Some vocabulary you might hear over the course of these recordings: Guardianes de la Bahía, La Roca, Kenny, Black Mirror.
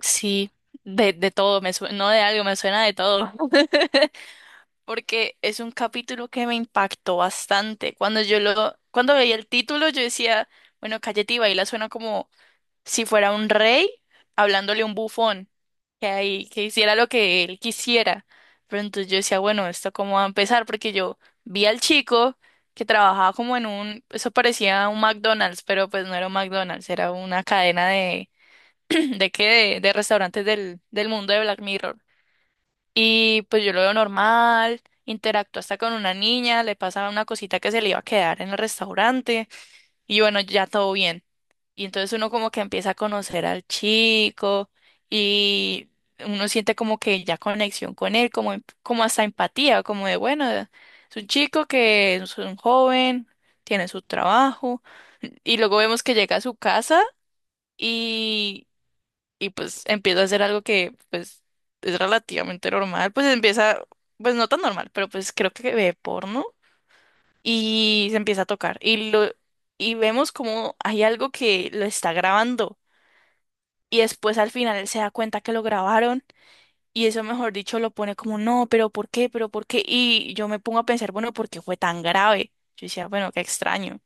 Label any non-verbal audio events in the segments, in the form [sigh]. Sí, de todo, no de algo, me suena de todo. [laughs] Porque es un capítulo que me impactó bastante. Cuando veía el título, yo decía, bueno, Cayeti Baila suena como si fuera un rey hablándole a un bufón, que ahí, que hiciera lo que él quisiera. Pero entonces yo decía, bueno, ¿esto cómo va a empezar? Porque yo vi al chico que trabajaba como en un, eso parecía un McDonald's, pero pues no era un McDonald's, era una cadena [clears throat] de que de restaurantes del mundo de Black Mirror. Y pues yo lo veo normal, interactúa hasta con una niña, le pasa una cosita que se le iba a quedar en el restaurante y bueno, ya todo bien. Y entonces uno como que empieza a conocer al chico y uno siente como que ya conexión con él, como, como hasta empatía, como de bueno, es un chico que es un joven, tiene su trabajo y luego vemos que llega a su casa. y y pues empiezo a hacer algo que pues es relativamente normal, pues empieza, pues no tan normal, pero pues creo que ve porno y se empieza a tocar y vemos como hay algo que lo está grabando y después al final él se da cuenta que lo grabaron y eso mejor dicho lo pone como no, pero ¿por qué? ¿Pero por qué? Y yo me pongo a pensar, bueno, ¿por qué fue tan grave? Yo decía, bueno, qué extraño.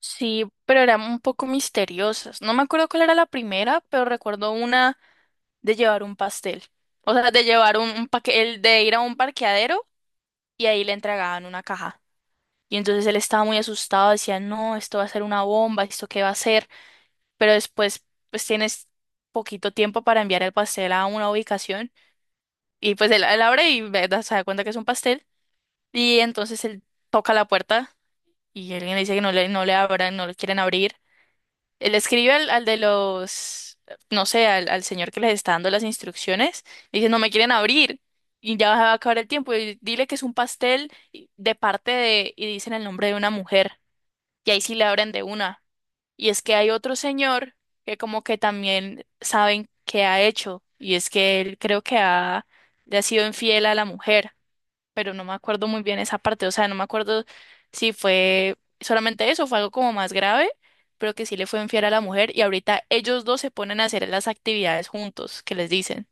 Sí, pero eran un poco misteriosas. No me acuerdo cuál era la primera, pero recuerdo una de llevar un pastel. O sea, de llevar un paque- el de ir a un parqueadero y ahí le entregaban una caja. Y entonces él estaba muy asustado, decía, no, esto va a ser una bomba, ¿esto qué va a ser? Pero después, pues tienes poquito tiempo para enviar el pastel a una ubicación. Y pues él abre y se da cuenta que es un pastel. Y entonces él toca la puerta y alguien le dice que no le abran, no le quieren abrir. Le escribe al de los, no sé, al señor que les está dando las instrucciones. Y dice, no me quieren abrir. Y ya va a acabar el tiempo. Y dile que es un pastel de parte de, y dicen el nombre de una mujer. Y ahí sí le abren de una. Y es que hay otro señor que como que también saben qué ha hecho. Y es que él creo que ha, Le ha sido infiel a la mujer, pero no me acuerdo muy bien esa parte, o sea, no me acuerdo si fue solamente eso, fue algo como más grave, pero que sí le fue infiel a la mujer y ahorita ellos dos se ponen a hacer las actividades juntos, que les dicen.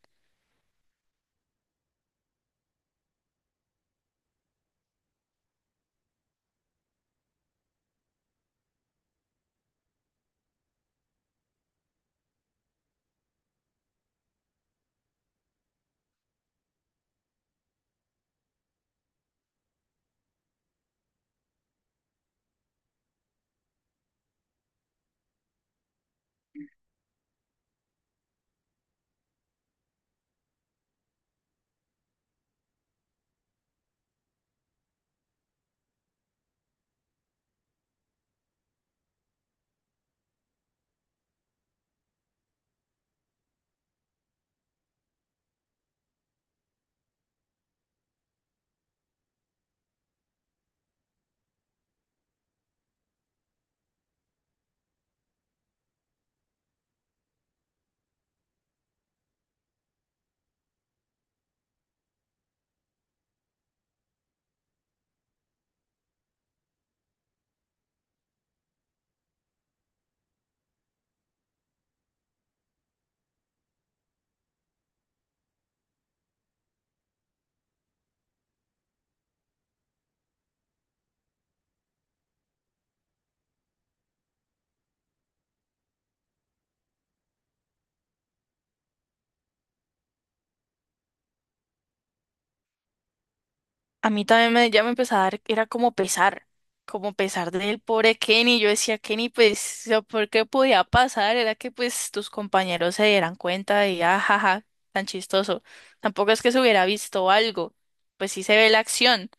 A mí también me, Ya me empezaba a dar, era como pesar del pobre Kenny, yo decía, Kenny, pues, o sea, ¿por qué podía pasar? Era que pues tus compañeros se dieran cuenta y ajaja, tan chistoso. Tampoco es que se hubiera visto algo, pues sí se ve la acción,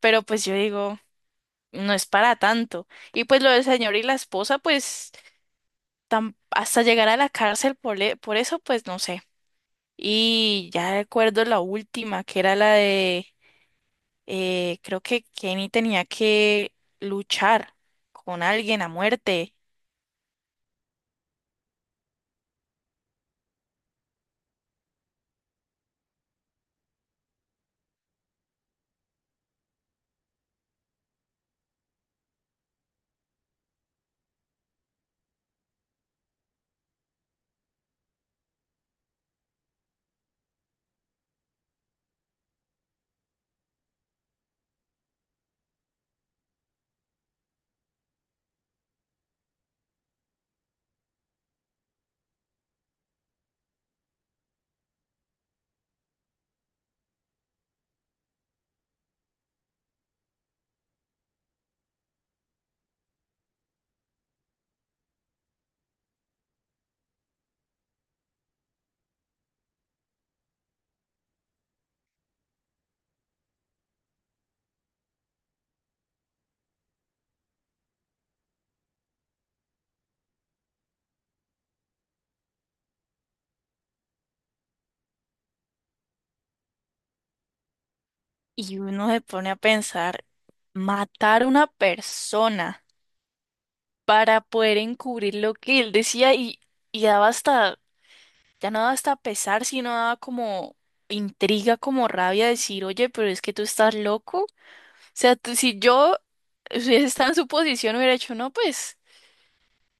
pero pues yo digo, no es para tanto. Y pues lo del señor y la esposa, pues hasta llegar a la cárcel por eso, pues no sé. Y ya recuerdo la última, que era la de, creo que Kenny tenía que luchar con alguien a muerte. Y uno se pone a pensar, matar a una persona para poder encubrir lo que él decía y daba hasta, ya no daba hasta pesar, sino daba como intriga, como rabia decir, oye, pero es que tú estás loco. O sea, si yo si hubiese estado en su posición, hubiera dicho, no, pues,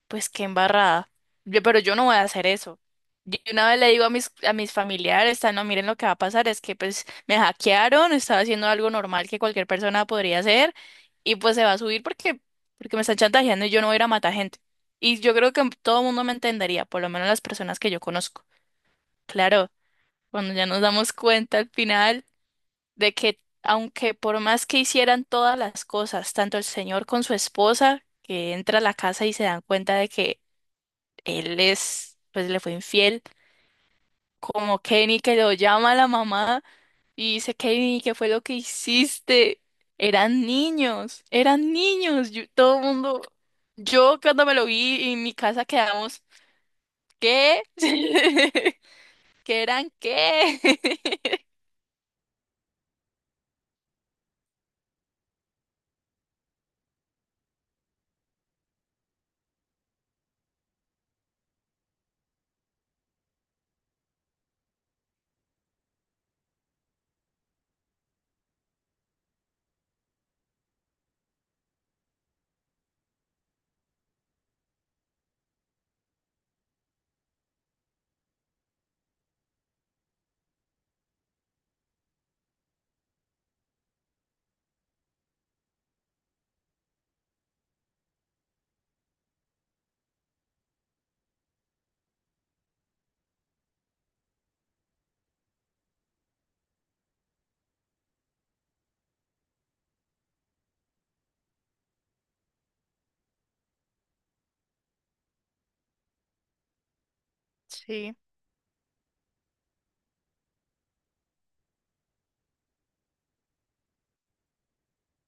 pues qué embarrada. Pero yo no voy a hacer eso. Yo una vez le digo a mis familiares, "Ah, no, miren lo que va a pasar, es que pues me hackearon, estaba haciendo algo normal que cualquier persona podría hacer, y pues se va a subir porque me están chantajeando y yo no voy a ir a matar gente. Y yo creo que todo el mundo me entendería, por lo menos las personas que yo conozco. Claro. Cuando ya nos damos cuenta al final de que aunque por más que hicieran todas las cosas, tanto el señor con su esposa, que entra a la casa y se dan cuenta de que él es, pues le fue infiel, como Kenny, que lo llama a la mamá y dice, Kenny, ¿qué fue lo que hiciste? Eran niños, todo el mundo, yo cuando me lo vi en mi casa quedamos, ¿qué? [laughs] ¿Que eran qué? [laughs] Sí.